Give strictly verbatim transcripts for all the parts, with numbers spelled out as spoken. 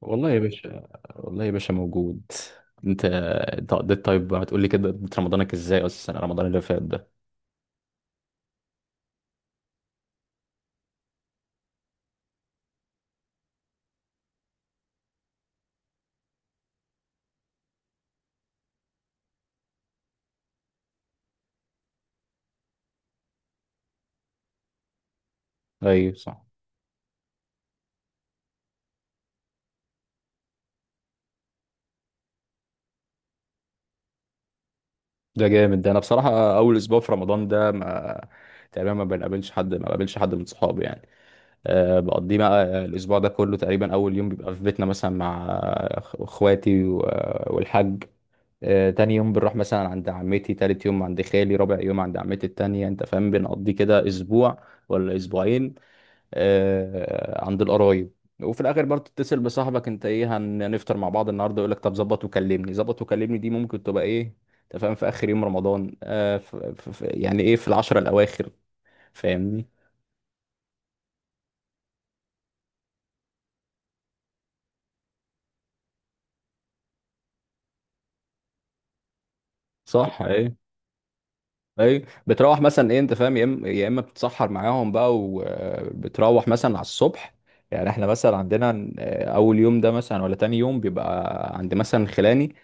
والله يا باشا. والله يا باشا موجود. انت انت قضيت؟ طيب هتقول لي كده قضيت رمضانك ازاي اصلا رمضان اللي فات ده؟ ايوه صح. ده جامد ده. انا بصراحه اول اسبوع في رمضان ده ما تقريبا ما بنقابلش حد ما بقابلش حد من صحابي يعني. أه بقضيه بقى الاسبوع ده كله. تقريبا اول يوم بيبقى في بيتنا مثلا مع أخ- اخواتي و- والحاج. أه تاني يوم بنروح مثلا عند عمتي، تالت يوم عند خالي، رابع يوم عند عمتي التانية. انت فاهم؟ بنقضي كده اسبوع ولا اسبوعين آه، عند القرايب. وفي الاخر برضه تتصل بصاحبك انت ايه هن- هنفطر مع بعض النهارده؟ يقول لك طب ظبط وكلمني، ظبط وكلمني دي ممكن تبقى ايه؟ انت فاهم؟ في اخر يوم رمضان آه ف... ف... ف... يعني ايه في العشرة الاواخر. فاهمني؟ صح ايه. ايه بتروح مثلا ايه انت فاهم؟ يا اما يا اما بتتسحر معاهم بقى وبتروح مثلا على الصبح. يعني احنا مثلا عندنا آه، اول يوم ده مثلا ولا تاني يوم بيبقى عند مثلا خلاني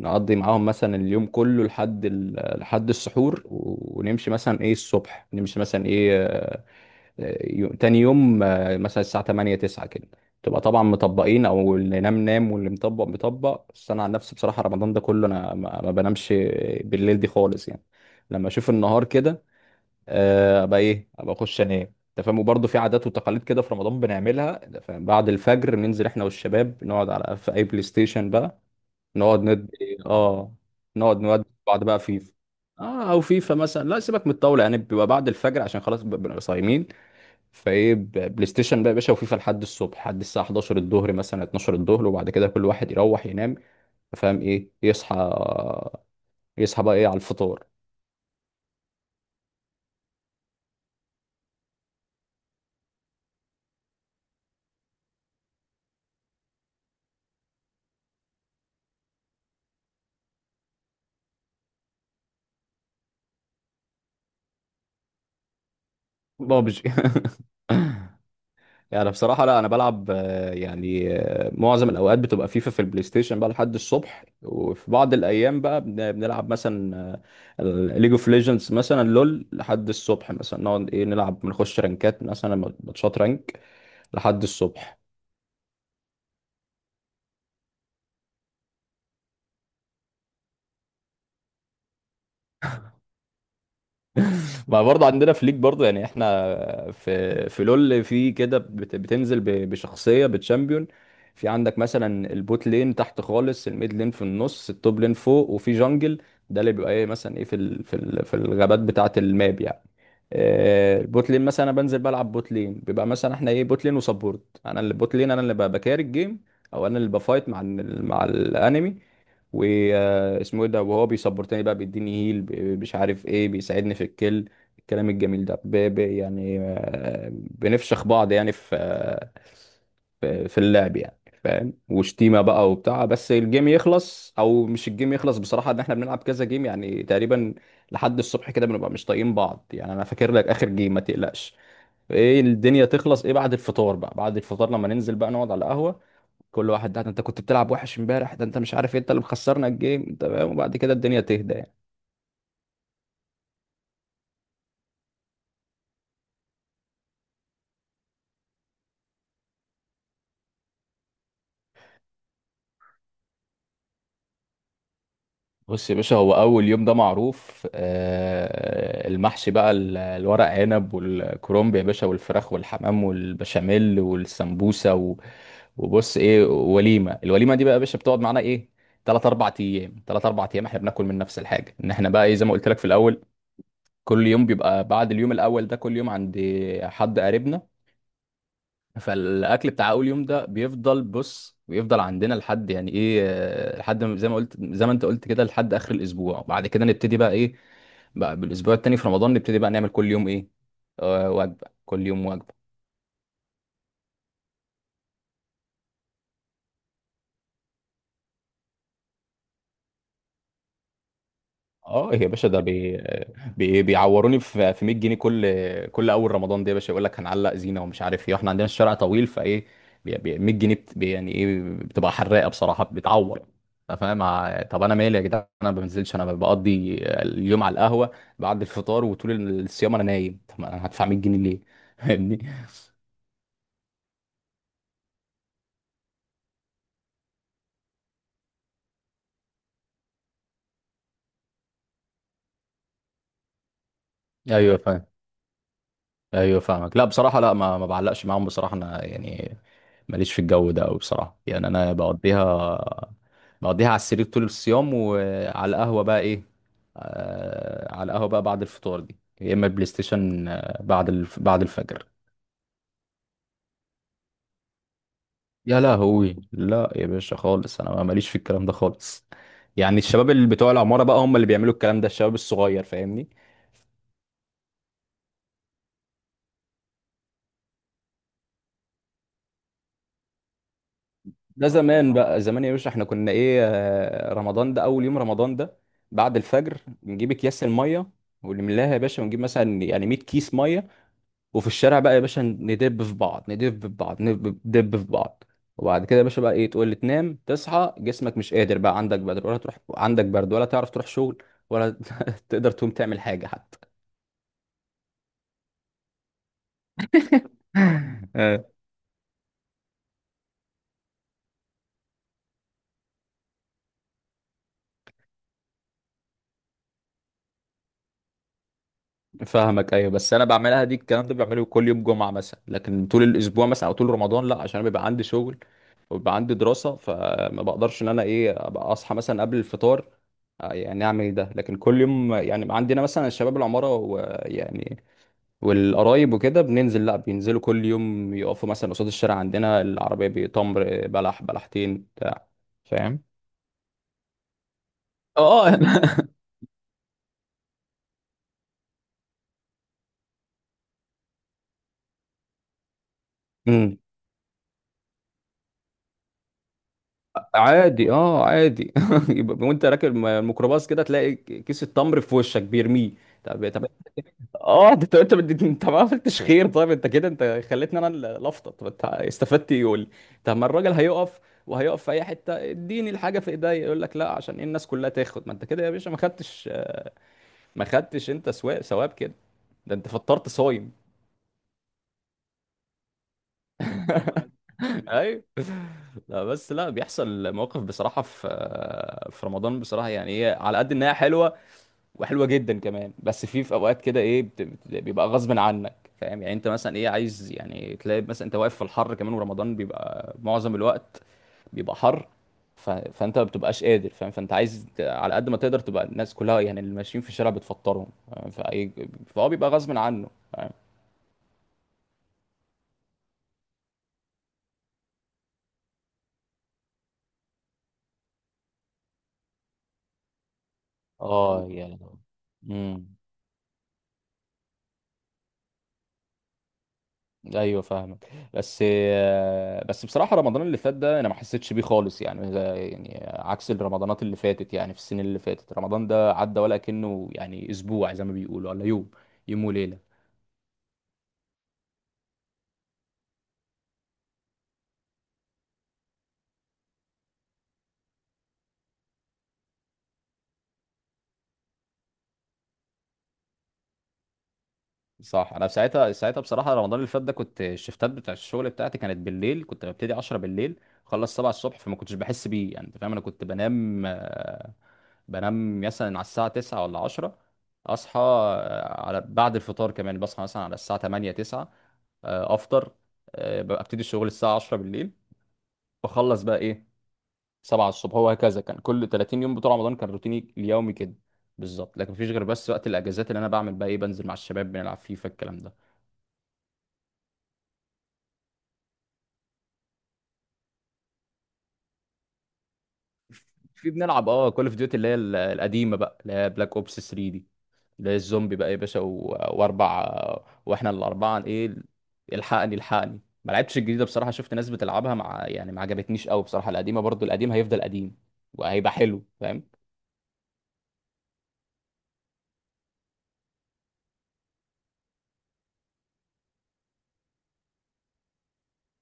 نقضي معاهم مثلا اليوم كله لحد ال- لحد السحور و- ونمشي مثلا ايه الصبح، نمشي مثلا ايه آه، يو- تاني يوم آه، مثلا الساعة تمانية تسعة كده. تبقى طبعا مطبقين، او اللي نام نام واللي مطبق مطبق. بس انا عن نفسي بصراحة رمضان ده كله انا ما ما بنامش بالليل دي خالص يعني. لما اشوف النهار كده آه، ابقى ايه ابقى اخش انام. انت فاهم؟ وبرضه في عادات وتقاليد كده في رمضان بنعملها. أنت فاهم؟ بعد الفجر بننزل احنا والشباب نقعد على في اي بلاي ستيشن بقى. نقعد ندي اه، نقعد نودي بعض بقى فيفا. اه او فيفا مثلا، لا سيبك من الطاوله. يعني بيبقى بعد الفجر عشان خلاص ب- بنبقى صايمين. فايه ب- بلاي ستيشن بقى يا باشا وفيفا لحد الصبح، لحد الساعه حداشر الظهر مثلا، اتناشر الظهر، وبعد كده كل واحد يروح ينام. فاهم ايه؟ يصحى، يصحى بقى ايه على الفطار. بابجي يعني أنا بصراحة لا أنا بلعب آه، يعني آه، معظم الأوقات بتبقى فيفا في البلاي ستيشن بقى لحد الصبح. وفي بعض الأيام بقى بن- بنلعب مثلا ليج اوف ليجندز مثلا، لول لحد الصبح مثلا. نقعد إيه نلعب، بنخش رانكات مثلا، ماتشات رانك لحد الصبح. ما برضه عندنا فليك برضه. يعني احنا في في لول في كده بت- بتنزل ب- بشخصيه بتشامبيون. في عندك مثلا البوت لين تحت خالص، الميد لين في النص، التوب لين فوق، وفي جانجل ده اللي بيبقى ايه مثلا ايه في ال في ال في الغابات بتاعه الماب يعني. آه، البوت لين مثلا انا بنزل بلعب بوت لين، بيبقى مثلا احنا ايه بوت لين وسبورت. انا اللي بوت لين انا اللي ب- بكاري الجيم، او انا اللي بفايت مع ال- مع الانمي واسمه ايه ده، وهو بيسبورتني بقى بيديني هيل، ب- مش عارف ايه، بيساعدني في الكل، الكلام الجميل ده ب... ب... يعني آه، بنفشخ بعض يعني في آه، في في اللعب يعني. فاهم؟ وشتيمه بقى وبتاع، بس الجيم يخلص. او مش الجيم يخلص بصراحه، ان احنا بنلعب كذا جيم يعني تقريبا لحد الصبح كده، بنبقى مش طايقين بعض يعني. انا فاكر لك اخر جيم ما تقلقش ايه، الدنيا تخلص ايه بعد الفطار بقى. بعد الفطار لما ننزل بقى نقعد على القهوه، كل واحد ده انت كنت بتلعب وحش امبارح، ده انت مش عارف إيه، انت اللي مخسرنا الجيم. انت فاهم؟ وبعد كده الدنيا تهدى يعني. بص يا باشا، هو اول يوم ده معروف، آه، المحشي بقى، ال- الورق عنب والكرنب يا باشا، والفراخ والحمام والبشاميل والسمبوسه و... وبص ايه وليمه. الوليمه دي بقى يا باشا بتقعد معانا ايه، تلاتة اربعة ايام. تلاتة اربعة ايام احنا بناكل من نفس الحاجه. ان احنا بقى ايه زي ما قلت لك في الاول، كل يوم بيبقى بعد اليوم الاول ده كل يوم عند حد قريبنا. فالاكل بتاع اول يوم ده بيفضل، بص بيفضل عندنا لحد يعني ايه آه، لحد ما- زي ما قلت، زي ما انت قلت كده، لحد اخر الاسبوع. وبعد كده نبتدي بقى ايه بقى بالاسبوع التاني في رمضان، نبتدي بقى نعمل كل يوم ايه آه، وجبه. كل يوم وجبه. اه يا باشا ده بي... بي... بيعوروني في في مية جنيه، كل كل اول رمضان ده يا باشا. يقول لك هنعلق زينه ومش عارف ايه، احنا عندنا الشارع طويل. فايه بي... بي... مئة جنيه بت... بي... يعني ايه بتبقى حراقه بصراحه، بتعور. انت فاهم؟ ع- طب انا مالي يا جدعان، انا ما بنزلش، انا بقضي اليوم على القهوه بعد الفطار، وطول الصيام انا نايم. طب ما انا هدفع مية جنيه ليه؟ فاهمني؟ ايوه، ايوه فاهمك. لا بصراحه لا ما ما بعلقش معاهم بصراحه. انا يعني ماليش في الجو ده قوي بصراحه. يعني انا بقضيها بقضيها على السرير طول الصيام، وعلى القهوه بقى ايه، آه على القهوه بقى بعد الفطار دي، يا اما بلاي ستيشن آه، بعد الف... بعد الفجر. يا لهوي، لا يا باشا خالص، انا ماليش في الكلام ده خالص. يعني الشباب اللي بتوع العماره بقى هم اللي بيعملوا الكلام ده، الشباب الصغير. فاهمني؟ ده زمان بقى، زمان يا باشا احنا كنا ايه آه، رمضان ده اول يوم رمضان ده بعد الفجر، بنجيب اكياس الميه ونملاها يا باشا، ونجيب مثلا يعني مية كيس ميه. وفي الشارع بقى يا باشا، ندب في بعض، ندب في بعض، ندب ندب في بعض. وبعد كده يا باشا بقى ايه، تقول لي تنام تصحى جسمك مش قادر بقى، عندك برد ولا تروح، عندك برد ولا تعرف تروح شغل ولا تقدر تقوم تعمل حاجه حتى. آه، فاهمك. ايوه بس انا بعملها دي، الكلام ده بعمله كل يوم جمعه مثلا، لكن طول الاسبوع مثلا او طول رمضان لا، عشان أنا بيبقى عندي شغل وبيبقى عندي دراسة. فما بقدرش ان انا ايه ابقى اصحى مثلا قبل الفطار آه، يعني اعمل ده لكن كل يوم. يعني عندنا مثلا شباب العمارة، ويعني والقرايب وكده، بننزل، لا بينزلوا كل يوم يقفوا مثلا قصاد الشارع عندنا، العربية بتمر بلح بلحتين بتاع. فاهم؟ اه أنا- امم عادي، اه عادي يبقى وانت راكب الميكروباص كده تلاقي كيس التمر في وشك بيرميه. طب طب اه، انت انت بت- انت ما عملتش خير. طيب انت كده انت خليتني انا اللي افطر، طب انت استفدت ايه يقول لي؟ طب ما الراجل هيقف، وهيقف في اي حته اديني الحاجه في ايدي. يقول لك لا عشان ايه الناس كلها تاخد، ما انت كده يا باشا ما خدتش، ما خدتش انت سوا- ثواب كده، ده انت فطرت صايم. ايوه. لا بس لا بيحصل مواقف بصراحه في في رمضان بصراحه. يعني ايه على قد انها حلوه وحلوه جدا كمان، بس في في اوقات كده ايه بت- بت- بيبقى غصب عنك. فاهم يعني؟ انت مثلا ايه عايز يعني تلاقي مثلا انت واقف في الحر كمان، ورمضان بيبقى معظم الوقت بيبقى حر. ف... فانت ما بتبقاش قادر. فاهم؟ فانت عايز ت- على قد ما تقدر تبقى الناس كلها يعني اللي ماشيين في الشارع بتفطرهم. فاهم؟ فأي... فهو بيبقى غصب عنه. فاهم؟ اه يا لهوي. امم ايوه فاهمك. بس آه، بس بصراحه رمضان اللي فات ده انا ما حسيتش بيه خالص يعني. ده يعني عكس الرمضانات اللي فاتت، يعني في السنين اللي فاتت. رمضان ده عدى ولا كأنه يعني اسبوع زي ما بيقولوا، ولا يوم، يوم وليله. صح. انا ساعتها ساعتها بصراحه رمضان اللي فات ده كنت الشفتات بتاع الشغل بتاعتي كانت بالليل، كنت ببتدي عشرة بالليل، خلص سبعة الصبح. فما كنتش بحس بيه يعني. انت فاهم؟ انا كنت بنام بنام مثلا على الساعة تسعة ولا عشرة، أصحى آه، على بعد الفطار كمان، بصحى مثلا على الساعة تمانية تسعة آه، أفطر، آه، ببقى أبتدي الشغل الساعة عشرة بالليل، بخلص بقى إيه سبعة الصبح. هو هكذا كان كل تلاتين يوم بتوع رمضان، كان روتيني اليومي كده بالظبط. لكن مفيش غير بس وقت الأجازات اللي أنا بعمل بقى إيه بنزل مع الشباب بنلعب فيفا الكلام ده. في بنلعب اه كول اوف ديوتي، اللي هي ال- القديمه بقى، اللي هي بلاك اوبس ثري دي، لا الزومبي بقى يا باشا و... واربع، واحنا الاربعه ايه الحقني الحقني. ما لعبتش الجديده بصراحه، شفت ناس بتلعبها مع يعني ما عجبتنيش قوي بصراحه. القديمه برضو، القديم هيفضل قديم وهيبقى حلو. فاهم؟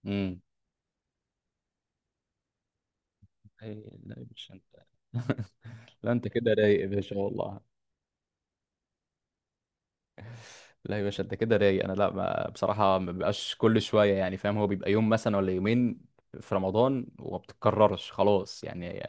امم أي- لا يا باشا انت لا انت كده رايق يا باشا والله. لا يا باشا انت كده رايق. انا لا ما بصراحه ما بيبقاش كل شويه يعني. فاهم؟ هو بيبقى يوم مثلا ولا يومين في رمضان وما بتتكررش خلاص يعني.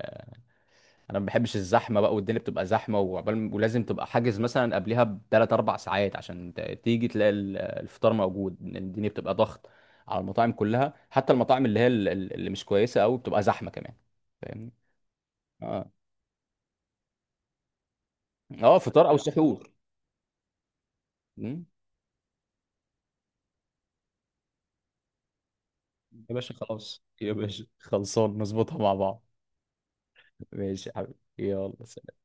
انا ما بحبش الزحمه بقى، والدنيا بتبقى زحمه، وعقبال ولازم تبقى حاجز مثلا قبلها بثلاث اربع ساعات عشان ت- تيجي تلاقي ال- الفطار موجود. الدنيا بتبقى ضغط على المطاعم كلها، حتى المطاعم اللي هي ال- ال- اللي مش كويسه قوي بتبقى زحمه كمان. فاهمني؟ اه. اه فطار او سحور؟ مم. يا باشا خلاص يا باشا، خلصان نظبطها مع بعض. ماشي يا حبيبي. يلا.